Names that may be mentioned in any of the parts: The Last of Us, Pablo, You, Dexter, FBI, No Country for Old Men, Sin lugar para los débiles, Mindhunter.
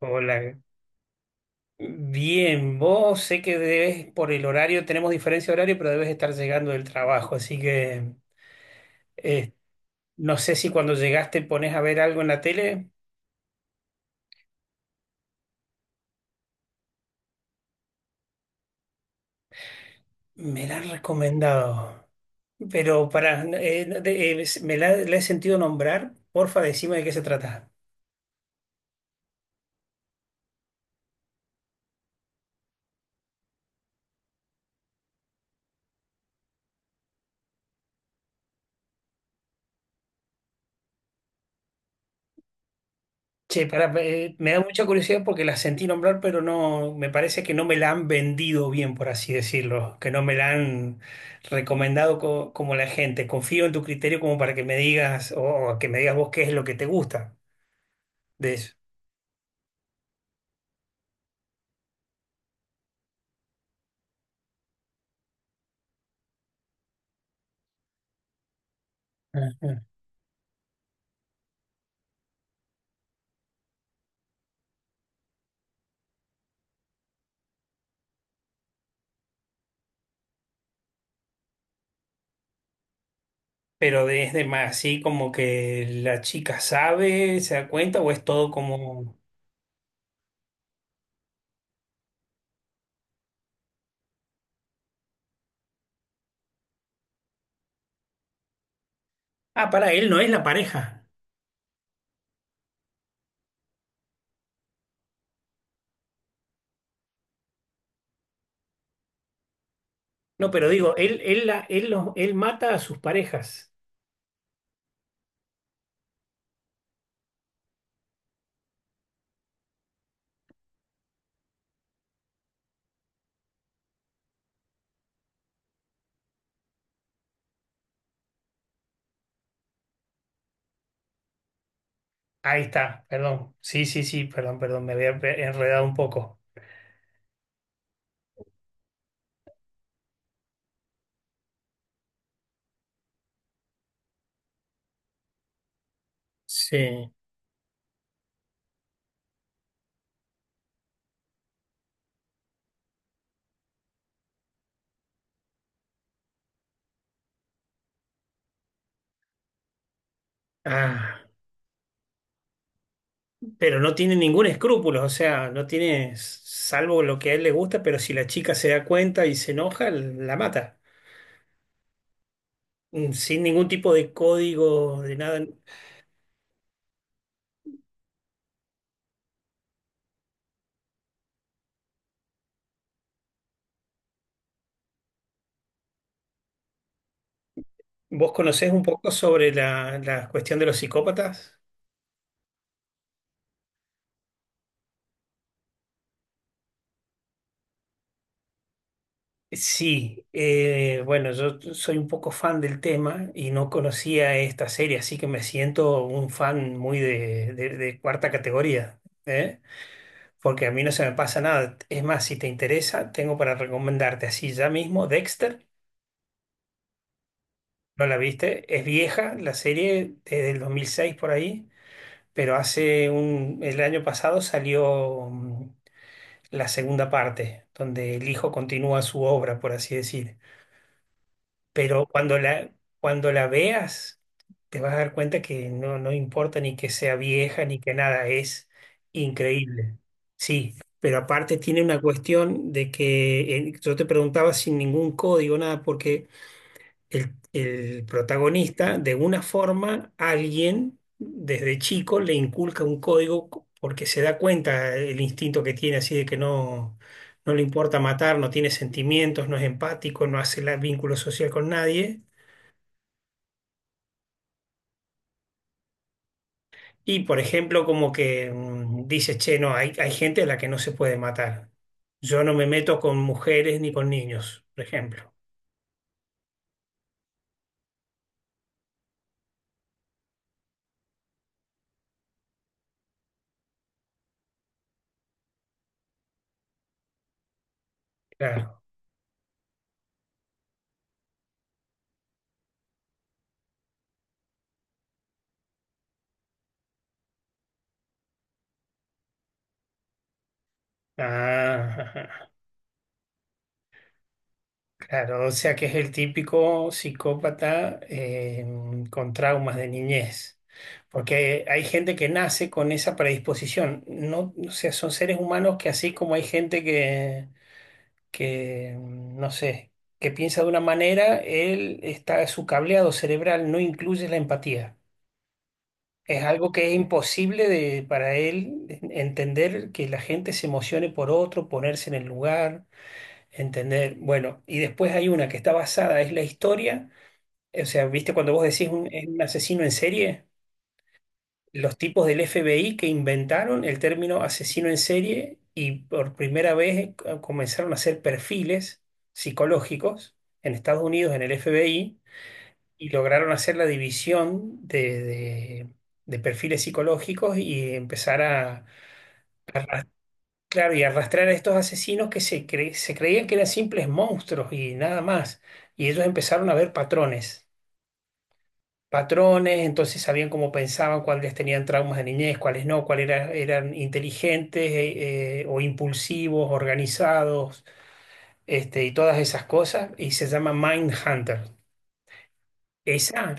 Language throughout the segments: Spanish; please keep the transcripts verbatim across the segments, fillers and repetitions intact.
Hola. Bien, vos sé que debes, por el horario, tenemos diferencia de horario, pero debes estar llegando del trabajo, así que eh, no sé si cuando llegaste pones a ver algo en la tele, me la han recomendado, pero para, eh, de- eh, me la, la he sentido nombrar, porfa, decime de qué se trata. Che, pará, eh, me da mucha curiosidad porque la sentí nombrar, pero no, me parece que no me la han vendido bien, por así decirlo, que no me la han recomendado co- como la gente. Confío en tu criterio como para que me digas, o, o que me digas vos qué es lo que te gusta de eso. Ajá. Pero de- es de más, así como que la chica sabe, se da cuenta, o es todo como. Ah, para él no es la pareja. No, pero digo, él, él, la- él, los- él mata a sus parejas. Ahí está, perdón. Sí, sí, sí, perdón, perdón, me había pe- enredado un poco. Sí. Ah, pero no tiene ningún escrúpulo, o sea, no tiene, salvo lo que a él le gusta, pero si la chica se da cuenta y se enoja, la mata. Mm, Sin ningún tipo de código, de nada. ¿Vos conocés un poco sobre la, la cuestión de los psicópatas? Sí, eh, bueno, yo t- soy un poco fan del tema y no conocía esta serie, así que me siento un fan muy de, de- de cuarta categoría, ¿eh? Porque a mí no se me pasa nada. Es más, si te interesa, tengo para recomendarte así ya mismo Dexter. ¿No la viste? Es vieja la serie, desde el dos mil seis por ahí, pero hace un, el año pasado salió mm, la segunda parte, donde el hijo continúa su obra, por así decir. Pero cuando la, cuando la veas, te vas a dar cuenta que no, no importa ni que sea vieja ni que nada, es increíble. Sí, pero aparte tiene una cuestión de que eh, yo te preguntaba sin ningún código, nada, porque el, el protagonista, de una forma, alguien desde chico le inculca un código co- porque se da cuenta el instinto que tiene, así de que no, no le importa matar, no tiene sentimientos, no es empático, no hace la- vínculo social con nadie. Y por ejemplo, como que mm, dices, che, no, hay, hay gente a la que no se puede matar. Yo no me meto con mujeres ni con niños, por ejemplo. Claro. Ah, claro, o sea que es el típico psicópata, eh, con traumas de niñez. Porque hay gente que nace con esa predisposición. No, o sea, son seres humanos que así como hay gente que, que, mm, no sé, que piensa de una manera, él está, su cableado cerebral no incluye la empatía. Es algo que es imposible de, para él en- entender que la gente se emocione por otro, ponerse en el lugar, entender. Bueno, y después hay una que está basada, es la historia. O sea, viste cuando vos decís un, es un asesino en serie, los tipos del F B I que inventaron el término asesino en serie y por primera vez eh, comenzaron a hacer perfiles psicológicos en Estados Unidos, en el F B I, y lograron hacer la división de, de- de perfiles psicológicos y empezar a, claro, y arrastrar a estos asesinos que se, cre- se creían que eran simples monstruos y nada más. Y ellos empezaron a ver patrones, patrones, entonces sabían cómo pensaban, cuáles tenían traumas de niñez, cuáles no, cuáles era- eran inteligentes, eh, eh, o impulsivos, organizados, este, y todas esas cosas, y se llama Mindhunter. Esa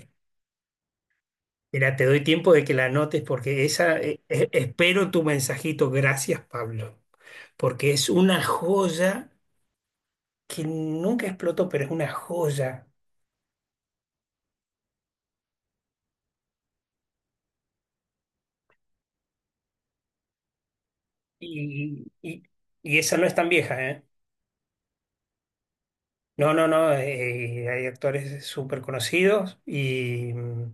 Mira, te doy tiempo de que la anotes porque esa, eh, eh, espero tu mensajito. Gracias, Pablo, porque es una joya que nunca explotó, pero es una joya. Y, y- y esa no es tan vieja, ¿eh? No, no, no. Eh, hay actores súper conocidos y mm,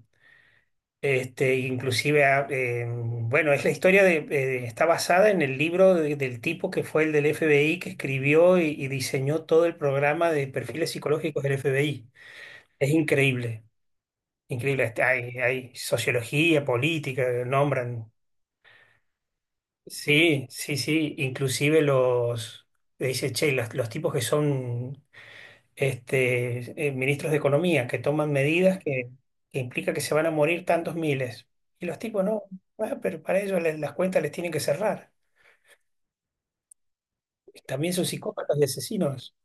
este, inclusive, ah, eh, bueno, es la historia de, eh, está basada en el libro de- del tipo que fue el del F B I que escribió y y diseñó todo el programa de perfiles psicológicos del F B I. Es increíble, increíble. Este, Hay, hay sociología, política, nombran. Sí, sí, sí. Inclusive los, le dice, che, los, los tipos que son este, eh, ministros de economía, que toman medidas que, que implica que se van a morir tantos miles. Y los tipos no, "Ah, pero para ellos les- las cuentas les tienen que cerrar. También son psicópatas y asesinos."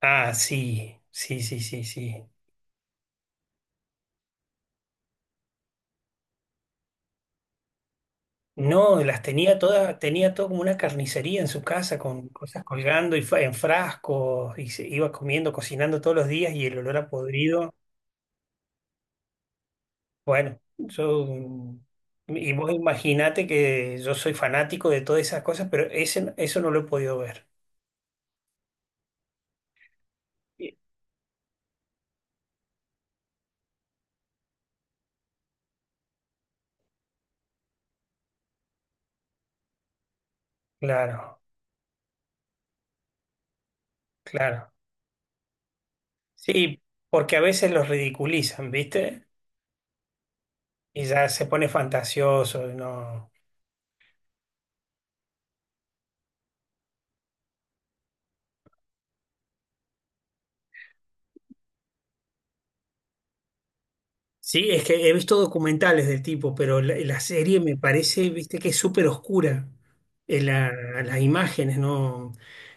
Ah, sí, sí, sí, sí, sí. No, las tenía todas, tenía todo como una carnicería en su casa con cosas colgando y fa- en frascos y se iba comiendo, cocinando todos los días y el olor a podrido. Bueno, yo mm, y vos imaginate que yo soy fanático de todas esas cosas, pero ese, eso no lo he podido ver. Sí. Claro, claro. Sí, porque a veces los ridiculizan, ¿viste? Y ya se pone fantasioso, no. Sí, es que he visto documentales del tipo, pero la, la serie me parece, viste, que es súper oscura. Eh, la- las imágenes, no,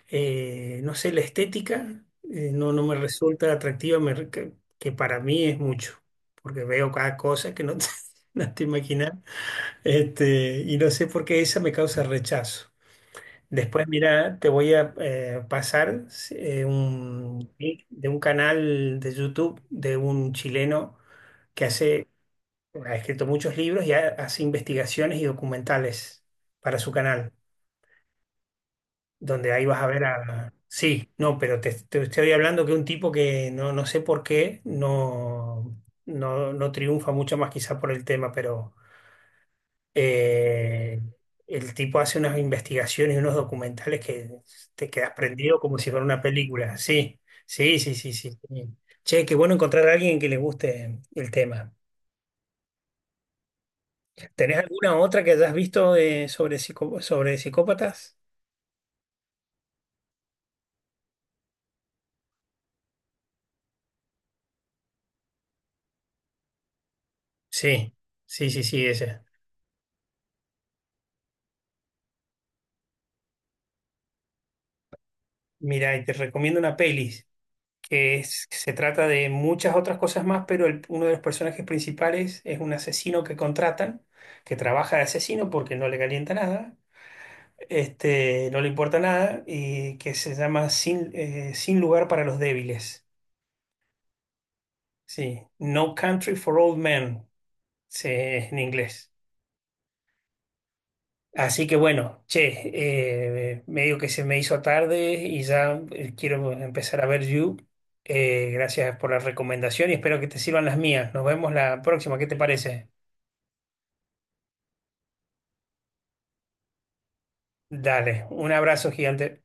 eh, no sé, la estética, eh, no, no me resulta atractiva, me re- que, que para mí es mucho, porque veo cada cosa que no te, no te imaginas, este, y no sé por qué esa me causa rechazo. Después, mira, te voy a eh, pasar eh, un link de un canal de YouTube de un chileno que hace ha escrito muchos libros y ha- hace investigaciones y documentales para su canal, donde ahí vas a ver a... Sí, no, pero te, te estoy hablando que un tipo que no, no sé por qué no, no, no triunfa mucho más quizá por el tema, pero eh, el tipo hace unas investigaciones y unos documentales que te quedas prendido como si fuera una película. Sí, sí, sí, sí, sí, sí. Che, qué bueno encontrar a alguien que le guste el tema. ¿Tenés alguna otra que hayas visto, eh, sobre, psicó- sobre psicópatas? Sí, sí, sí, sí, esa. Mira, y te recomiendo una peli que es- que se trata de muchas otras cosas más, pero el- uno de los personajes principales es un asesino que contratan, que trabaja de asesino porque no le calienta nada, este, no le importa nada, y que se llama Sin, eh, Sin lugar para los débiles. Sí, No Country for Old Men, se- en inglés. Así que bueno, che, eh, medio que se me hizo tarde y ya eh, quiero empezar a ver You. Eh, gracias por la recomendación y espero que te sirvan las mías. Nos vemos la próxima, ¿qué te parece? Dale, un abrazo gigante.